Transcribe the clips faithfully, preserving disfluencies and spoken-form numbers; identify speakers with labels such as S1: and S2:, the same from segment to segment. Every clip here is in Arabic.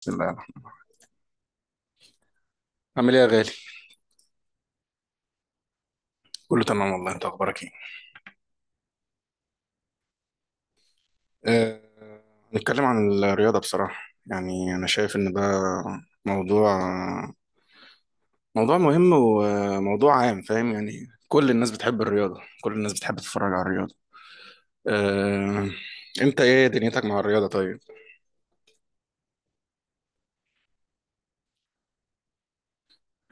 S1: بسم الله الرحمن الرحيم. عامل ايه يا غالي؟ كله تمام والله، انت اخبارك ايه؟ أه... نتكلم عن الرياضة بصراحة. يعني انا شايف ان ده موضوع موضوع مهم وموضوع عام، فاهم؟ يعني كل الناس بتحب الرياضة، كل الناس بتحب تتفرج على الرياضة. أه... انت ايه دنيتك مع الرياضة طيب؟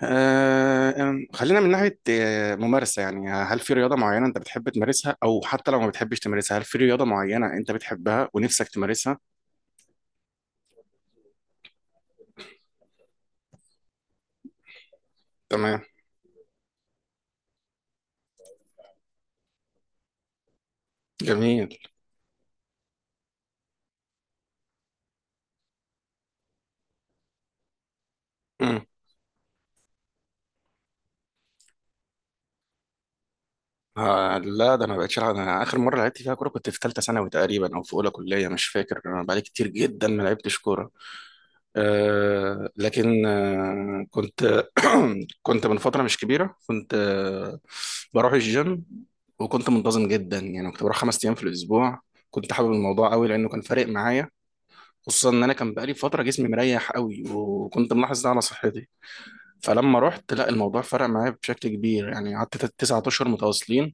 S1: أه... أم، خلينا من ناحية آه، ممارسة. يعني هل في رياضة معينة انت بتحب تمارسها، او حتى لو ما بتحبش تمارسها هل في رياضة معينة انت بتحبها ونفسك تمارسها؟ تمام. جميل. آه لا، ده انا بقيت شغال. انا اخر مره لعبت فيها كوره كنت في ثالثه ثانوي تقريبا او في اولى كليه، مش فاكر. انا بقالي كتير جدا ما لعبتش كوره. آه لكن آه كنت كنت من فتره مش كبيره، كنت آه بروح الجيم، وكنت منتظم جدا. يعني كنت بروح خمس ايام في الاسبوع. كنت حابب الموضوع قوي لانه كان فارق معايا، خصوصا ان انا كان بقالي فتره جسمي مريح قوي، وكنت ملاحظ ده على صحتي. فلما رحت، لا، الموضوع فرق معايا بشكل كبير. يعني قعدت تسعة اشهر متواصلين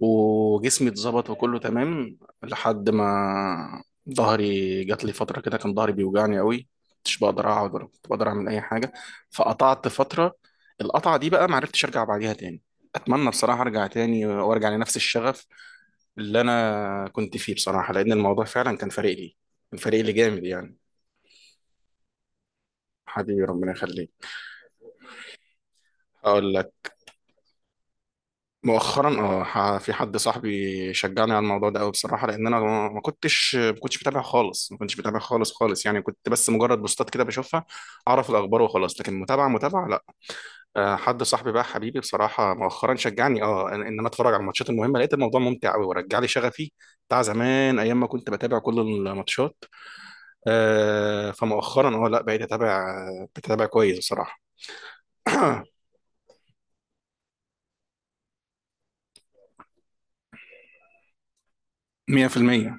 S1: وجسمي اتظبط وكله تمام، لحد ما ظهري جات لي فترة كده كان ظهري بيوجعني قوي، مش بقدر اقعد ولا كنت بقدر اعمل اي حاجة. فقطعت فترة، القطعة دي بقى معرفتش ارجع بعديها تاني. اتمنى بصراحة ارجع تاني وارجع لنفس الشغف اللي انا كنت فيه بصراحة، لان الموضوع فعلا كان فارق لي، كان فارق لي جامد يعني. حبيبي، ربنا يخليك. هقول. مؤخرا، اه ح- في حد صاحبي شجعني على الموضوع ده قوي بصراحه، لان انا ما ما كنتش ما كنتش بتابع خالص، ما كنتش بتابع خالص خالص. يعني كنت بس مجرد بوستات كده بشوفها اعرف الاخبار وخلاص، لكن متابعه متابعه لا. آه، حد صاحبي بقى، حبيبي بصراحه، مؤخرا شجعني اه ان إن انا اتفرج على الماتشات المهمه. لقيت الموضوع ممتع قوي ورجع لي شغفي بتاع زمان، ايام ما كنت بتابع كل الماتشات. آه، فمؤخرا اه لا، بقيت اتابع بقيت اتابع كويس بصراحه. مئة في المئة.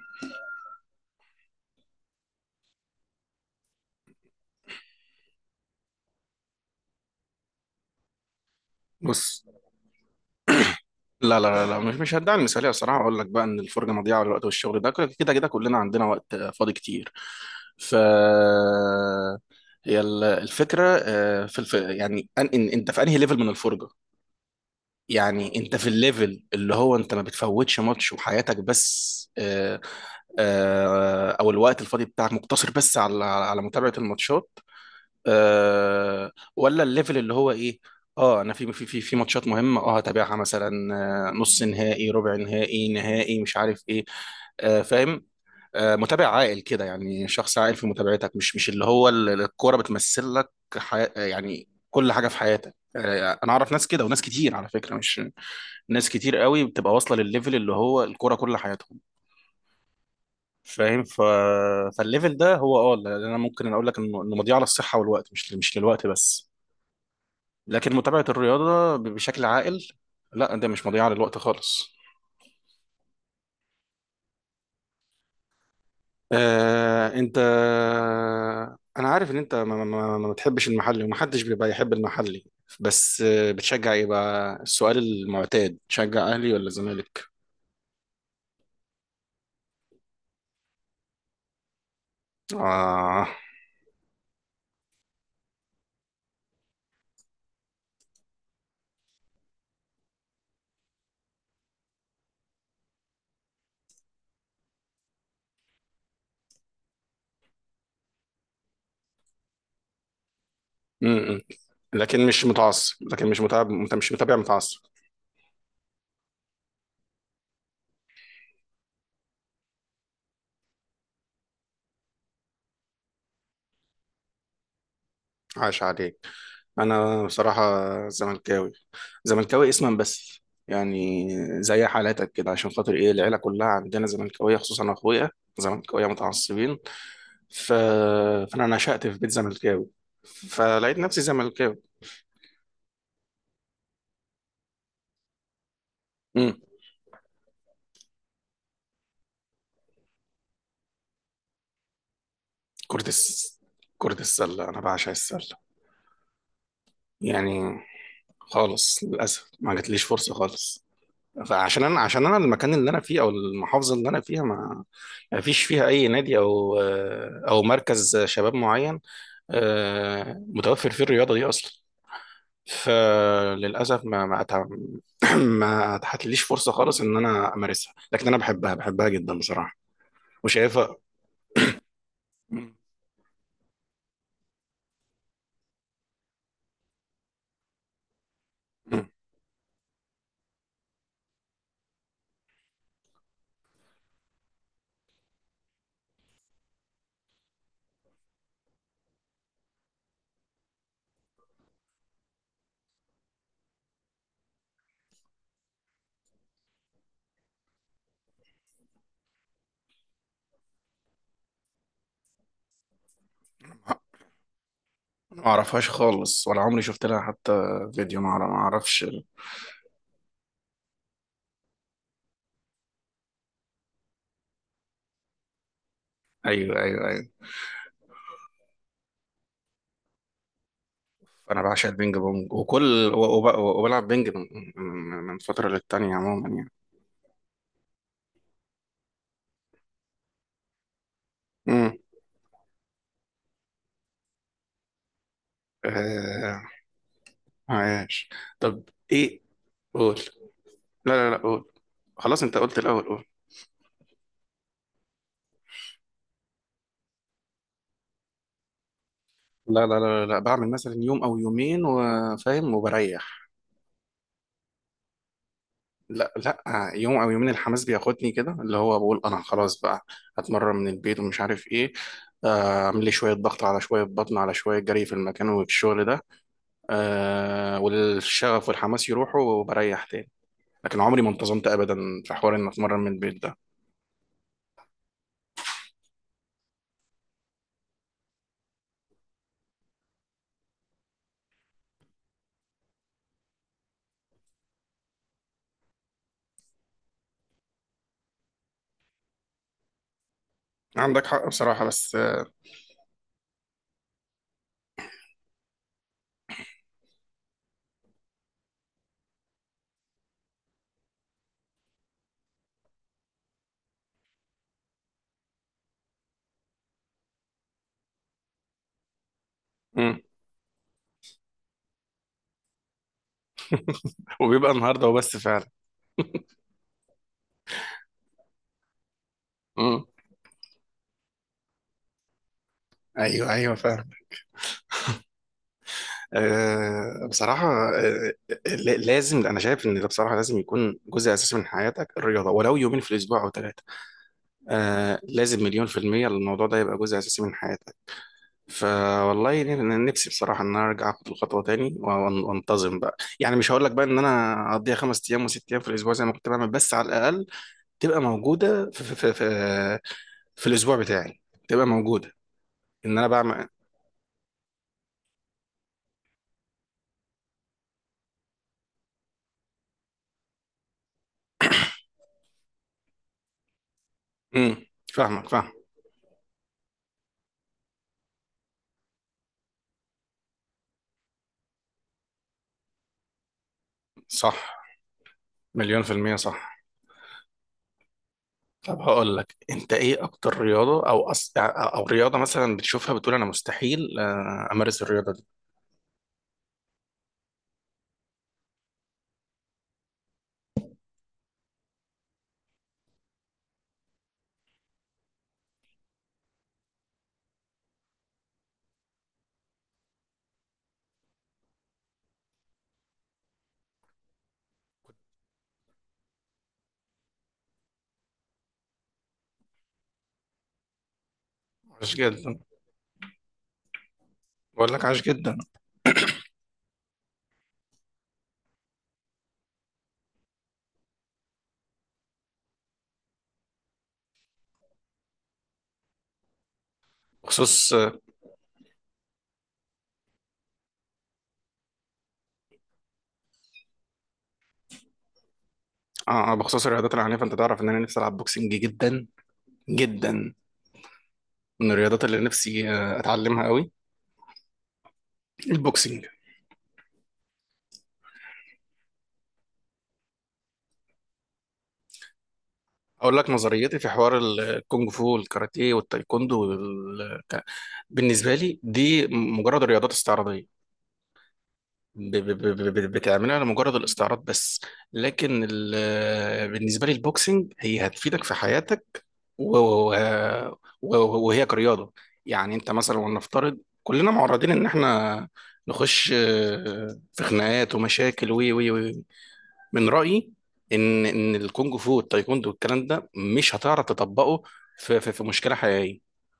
S1: بص، لا لا لا لا، مش مش هدعي المثاليه. الصراحه اقول لك بقى ان الفرجه مضيعه للوقت والشغل ده، كده كده كده كلنا عندنا وقت آه، فاضي كتير. ف هي ال- الفكره آه، في الف... يعني أن... إن... انت في انهي ليفل من الفرجه. يعني انت في الليفل اللي هو انت ما بتفوتش ماتش وحياتك، بس آه، آه، او الوقت الفاضي بتاعك مقتصر بس على على متابعه الماتشات، أه، ولا الليفل اللي هو ايه؟ اه انا في في في في ماتشات مهمه اه هتابعها، مثلا آه، نص نهائي، ربع نهائي، نهائي، مش عارف ايه. آه فاهم آه متابع عاقل كده، يعني شخص عاقل في متابعتك، مش مش اللي هو ال- الكوره بتمثل لك حي... يعني كل حاجه في حياتك. آه انا اعرف ناس كده، وناس كتير على فكره، مش ناس كتير قوي بتبقى واصله للليفل اللي هو الكوره كل حياتهم. فاهم؟ ف... فالليفل ده هو اه اللي انا ممكن اقول لك انه إنه مضيعه للصحه والوقت، مش مش للوقت بس. لكن متابعة الرياضة ب- بشكل عاقل، لا، ده مش مضيعة للوقت خالص. آه، انت، انا عارف ان انت ما, ما, ما بتحبش المحلي، ومحدش بيبقى يحب المحلي، بس آه، بتشجع ايه بقى؟ السؤال المعتاد، تشجع اهلي ولا زمالك؟ اه. م -م. لكن مش متعصب، لكن مش متابع. انت مش متابع متعصب. عاش عليك. انا بصراحه زملكاوي، زملكاوي اسما بس يعني، زي حالاتك كده. عشان خاطر ايه؟ العيله كلها عندنا زملكاويه، خصوصا اخويا، زملكاويه متعصبين. ف... فانا نشأت في بيت زملكاوي، فلقيت نفسي زملكاوي. امم. كرة الس... كرة السله، انا بعشق السله يعني. خالص للاسف ما جاتليش فرصه خالص، فعشان انا، عشان انا المكان اللي انا فيه، او المحافظه اللي انا فيها، ما ما فيش فيها اي نادي او او مركز شباب معين آه، متوفر فيه الرياضة دي أصلا. فللأسف ما ما أتع... ما اتحتليش فرصة خالص إن أنا أمارسها، لكن أنا بحبها، بحبها جدا بصراحة، وشايفها. م- م- ما أعرفهاش خالص، ولا عمري شفت لها حتى فيديو. ما أعرف- ما أعرفش. أيوه أيوه أيوه، أنا بعشق البينج بونج، وكل و- وب- وبلعب بينج من من- من فترة للتانية عموما يعني. امم. آه... عايش. طب. إيه. قول. لا لا لا قول. خلاص، أنت قلت الأول، قول. لا لا، لا لا بعمل مثلا يوم او يومين وفاهم وبريح. لا لا يوم او يومين، الحماس بياخدني كده، اللي هو بقول انا خلاص بقى هتمرن من البيت ومش عارف ايه، آه، اعمل لي شويه ضغط على شويه بطن على شويه جري في المكان وفي الشغل ده. آه، والشغف والحماس يروحوا، وبريح تاني. لكن عمري ما انتظمت ابدا في حوار ان اتمرن من البيت ده. عندك حق بصراحه، بس آه، مم. وبيبقى النهارده وبس فعلا. مم. ايوه ايوه، فاهم. آه، بصراحة آه، لا- لازم، أنا شايف إن ده بصراحة لازم يكون جزء أساسي من حياتك الرياضة، ولو يومين في الأسبوع أو ثلاثة. آه، لازم، مليون في المية الموضوع ده يبقى جزء أساسي من حياتك. فوالله، ن- نفسي بصراحة إن أنا أرجع أخد الخطوة تاني وأن- وأنتظم بقى. يعني مش هقول لك بقى إن أنا أقضيها خمس أيام وست أيام في الأسبوع زي ما كنت بعمل، بس على الأقل تبقى موجودة في, في, في, في, في الأسبوع بتاعي، تبقى موجودة. إن أنا بعمل. امم. فاهمك، فاهم. صح، مليون في المية، صح. طب هقول لك، انت ايه اكتر رياضه، او أص... او رياضه مثلا بتشوفها بتقول انا مستحيل آه، امارس الرياضه دي؟ عاش جدا. بقول لك عاش جدا. بخصوص اه آه، بخصوص الرياضات العنيفه، انت تعرف ان انا نفسي العب بوكسنج جدا جدا. من الرياضات اللي نفسي آه، اتعلمها قوي، البوكسنج. اقول لك نظريتي في حوار الكونغ فو والكاراتيه والتايكوندو وال... ك- بالنسبه لي دي مجرد رياضات استعراضيه. ب- ب- ب- ب- بتعملها لمجرد الاستعراض بس. لكن ال- آه، بالنسبه لي البوكسنج هي هتفيدك في حياتك، و- و- و- وهي كرياضه، يعني انت مثلا ولنفترض كلنا معرضين ان احنا نخش آه، في خناقات ومشاكل و و و من رايي ان ان الكونج فو والتايكوندو والكلام ده مش هتعرف تطبقه في في في مشكله حقيقيه،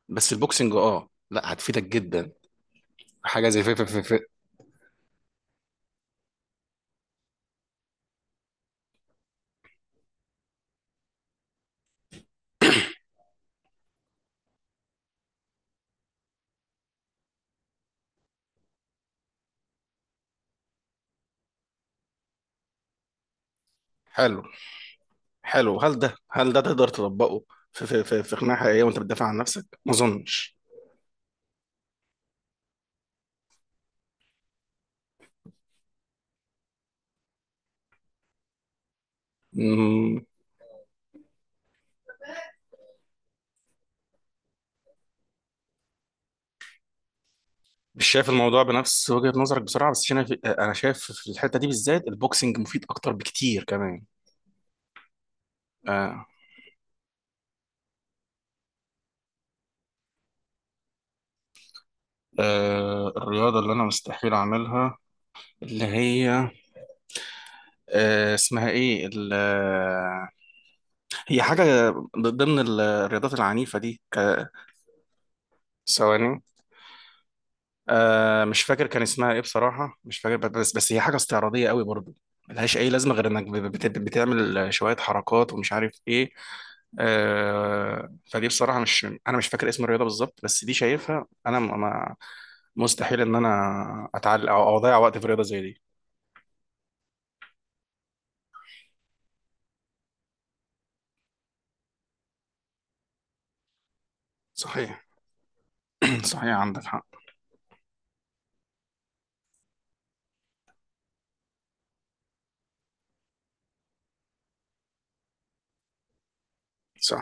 S1: بس البوكسنج، اه، لا، هتفيدك جدا. حاجه زي في في في في- حلو، حلو. هل ده، هل ده تقدر تطبقه في في في, في خناقه حقيقيه وانت بتدافع عن نفسك؟ ما اظنش. مم، مش شايف الموضوع بنفس وجهه نظرك بسرعه، بس انا في- انا شايف في الحته دي بالذات البوكسنج مفيد اكتر بكتير كمان. آه. آه، الرياضه اللي انا مستحيل اعملها، اللي هي آه اسمها ايه ال- آه، هي حاجه ضمن الرياضات العنيفه دي ك- ثواني. آه مش فاكر كان اسمها ايه بصراحة، مش فاكر، بس بس هي حاجة استعراضية قوي برضو، ملهاش اي لازمة غير انك بت- بت- بتعمل شوية حركات ومش عارف ايه. آه فدي بصراحة، مش انا مش فاكر اسم الرياضة بالظبط، بس دي شايفها انا م- ما مستحيل ان انا اتعلق او أو اضيع وقت في رياضة زي دي. صحيح. صحيح، عندك حق. صح،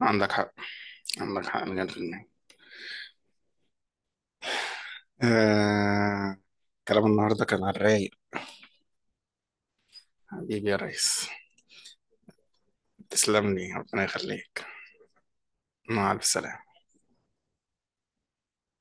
S1: عندك حق. عندك حق، مليون في المية. آه. كلام النهاردة كان على الرايق. حبيبي يا ريس. تسلم لي، ربنا يخليك. مع الف سلامة.